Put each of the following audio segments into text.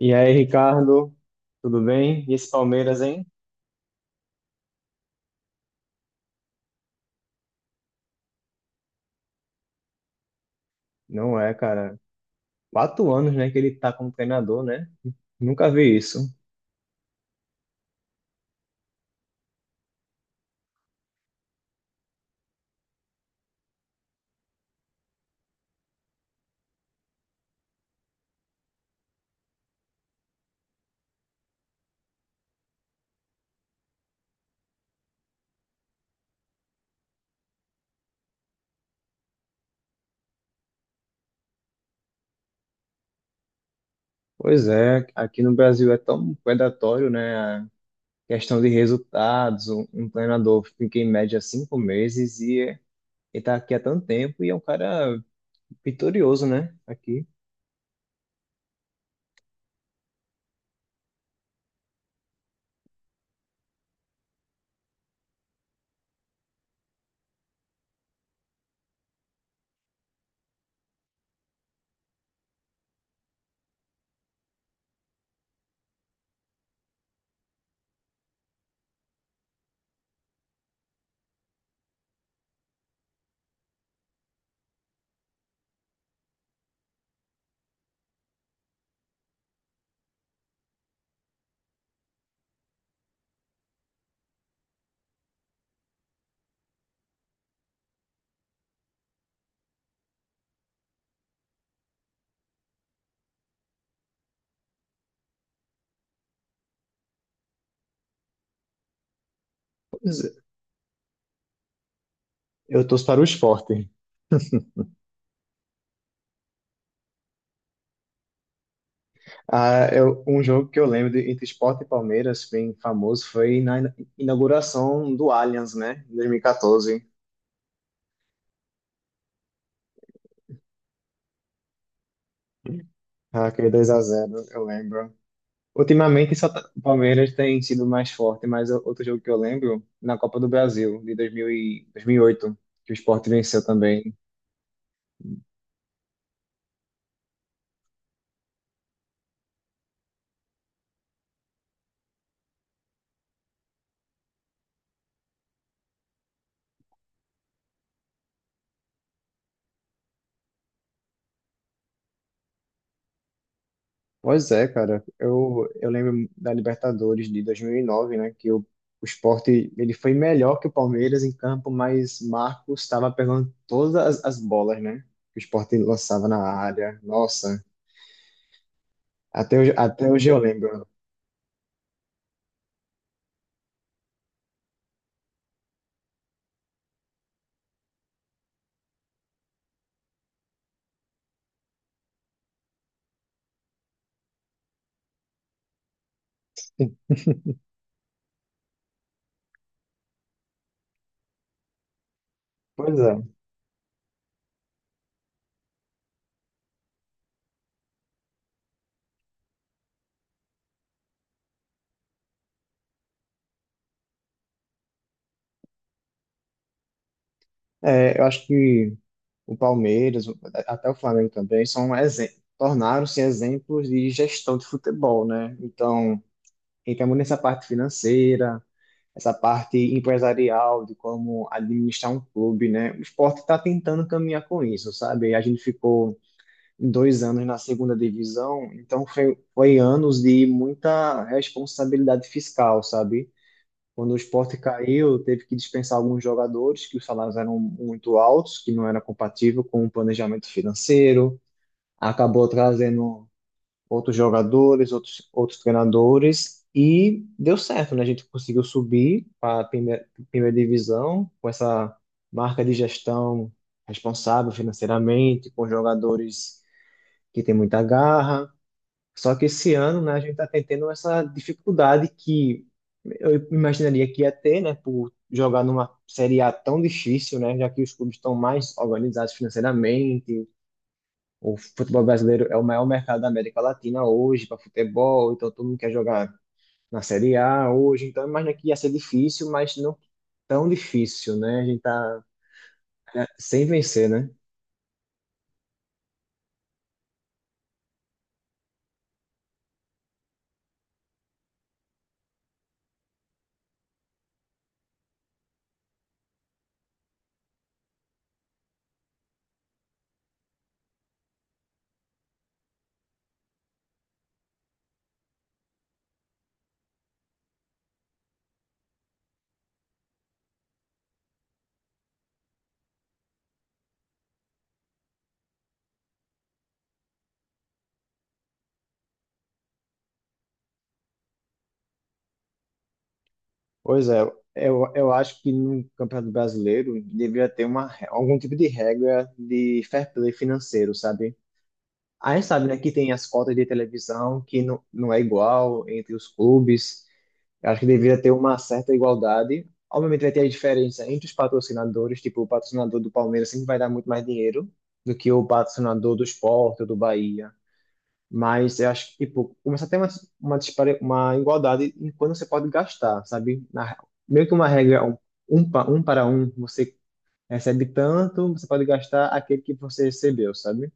E aí, Ricardo, tudo bem? E esse Palmeiras, hein? Não é, cara. Quatro anos, né, que ele tá como treinador, né? Nunca vi isso. Pois é, aqui no Brasil é tão predatório, né? A questão de resultados. Um treinador fica em média cinco meses e tá aqui há tanto tempo e é um cara vitorioso, né? Aqui. Pois é. Eu torço para o Sport. Ah, eu, um jogo que eu lembro de, entre Sport e Palmeiras, bem famoso, foi na inauguração do Allianz, né? Em 2014. Ah, aquele dois a zero, eu lembro. Ultimamente, o Palmeiras tem sido mais forte, mas outro jogo que eu lembro, na Copa do Brasil, de 2008 que o Sport venceu também. Pois é, cara. Eu lembro da Libertadores de 2009, né? O Sport ele foi melhor que o Palmeiras em campo, mas Marcos estava pegando todas as bolas, né? Que o Sport lançava na área. Nossa, até hoje eu lembro. Pois é. É, eu acho que o Palmeiras, até o Flamengo também, tornaram-se exemplos de gestão de futebol, né? Então, entra muito nessa parte financeira, essa parte empresarial de como administrar um clube, né? O esporte está tentando caminhar com isso, sabe? A gente ficou dois anos na segunda divisão, então foi anos de muita responsabilidade fiscal, sabe? Quando o Sport caiu, teve que dispensar alguns jogadores que os salários eram muito altos, que não era compatível com o planejamento financeiro. Acabou trazendo outros jogadores, outros treinadores e deu certo, né? A gente conseguiu subir para a primeira divisão com essa marca de gestão responsável financeiramente, com jogadores que têm muita garra, só que esse ano, né, a gente está tendo essa dificuldade que eu imaginaria que ia ter, né, por jogar numa Série A tão difícil, né, já que os clubes estão mais organizados financeiramente, o futebol brasileiro é o maior mercado da América Latina hoje para futebol, então todo mundo quer jogar na Série A hoje, então eu imagino que ia ser difícil, mas não tão difícil, né, a gente tá sem vencer, né? Pois é, eu acho que no Campeonato Brasileiro deveria ter algum tipo de regra de fair play financeiro, sabe? A gente sabe, né, que tem as cotas de televisão que não é igual entre os clubes. Eu acho que deveria ter uma certa igualdade. Obviamente vai ter a diferença entre os patrocinadores, tipo, o patrocinador do Palmeiras sempre vai dar muito mais dinheiro do que o patrocinador do Sport ou do Bahia. Mas eu acho que, tipo, começa a ter uma igualdade em quando você pode gastar, sabe? Meio que uma regra, um um para um, você recebe tanto, você pode gastar aquele que você recebeu, sabe?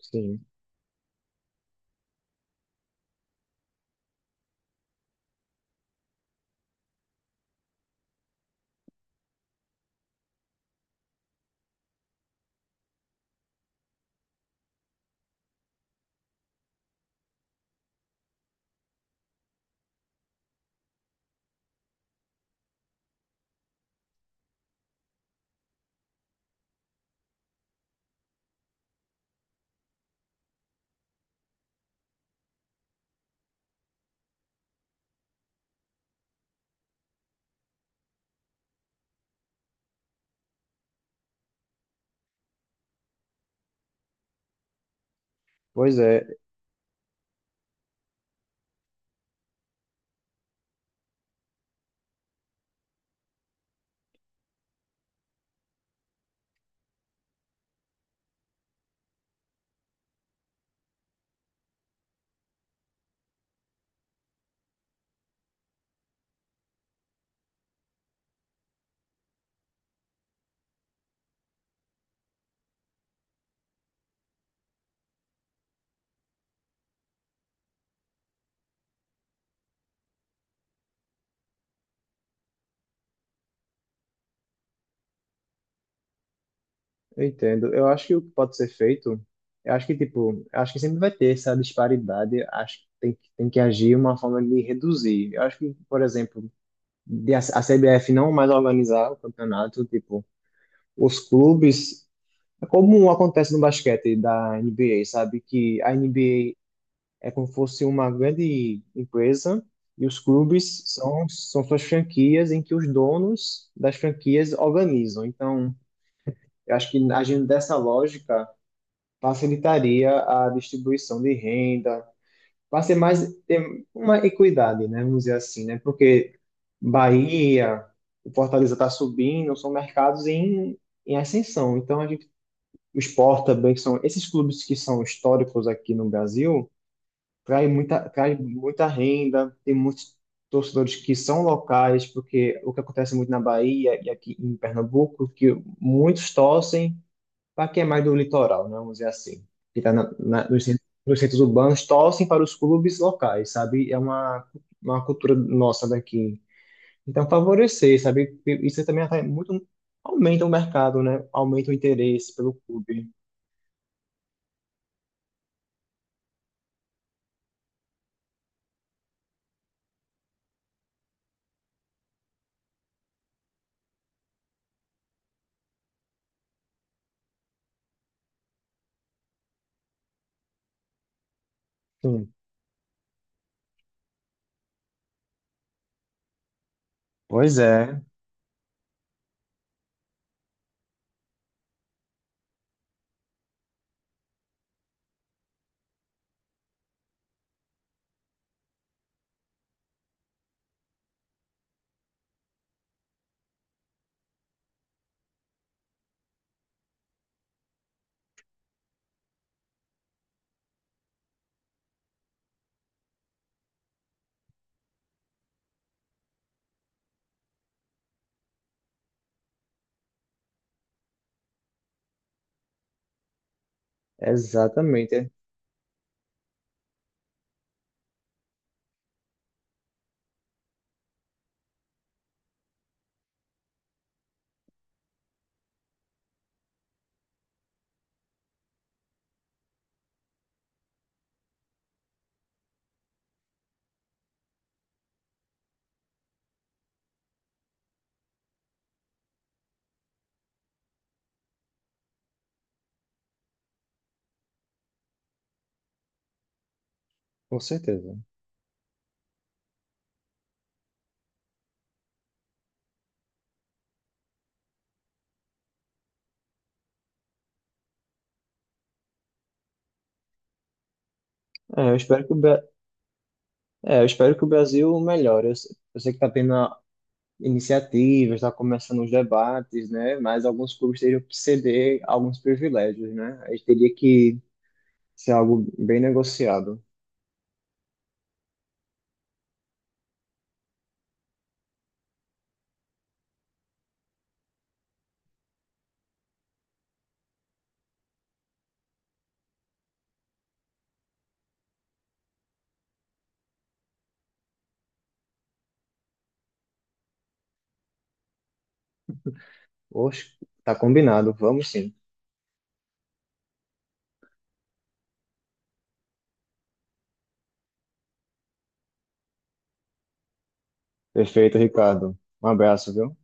Sim. Pois é, eu entendo. Eu acho que o que pode ser feito, eu acho que, tipo, eu acho que sempre vai ter essa disparidade, eu acho que tem que agir uma forma de reduzir. Eu acho que, por exemplo, de a CBF não mais organizar o campeonato, tipo, os clubes. É como acontece no basquete da NBA, sabe? Que a NBA é como se fosse uma grande empresa e os clubes são suas franquias em que os donos das franquias organizam. Então, eu acho que agindo dessa lógica, facilitaria a distribuição de renda, para ser mais ter uma equidade, né? Vamos dizer assim, né? Porque Bahia, o Fortaleza está subindo, são mercados em, em ascensão. Então, a gente, o Sport também, que são esses clubes que são históricos aqui no Brasil, traz muita renda, tem muitos torcedores que são locais, porque o que acontece muito na Bahia e aqui em Pernambuco, que muitos torcem para quem é mais do litoral, né, vamos dizer assim, que está nos centros urbanos, torcem para os clubes locais, sabe? É uma cultura nossa daqui. Então, favorecer, sabe? Isso também atrai muito, aumenta o mercado, né? Aumenta o interesse pelo clube. Sim. Pois é, exatamente, é, com certeza. É, eu espero que eu espero que o Brasil melhore. Eu, se- Eu sei que está tendo iniciativas, está começando os debates, né? Mas alguns clubes teriam que ceder alguns privilégios, né? A gente teria que ser algo bem negociado. Oxe, tá combinado, vamos sim. Perfeito, Ricardo. Um abraço, viu?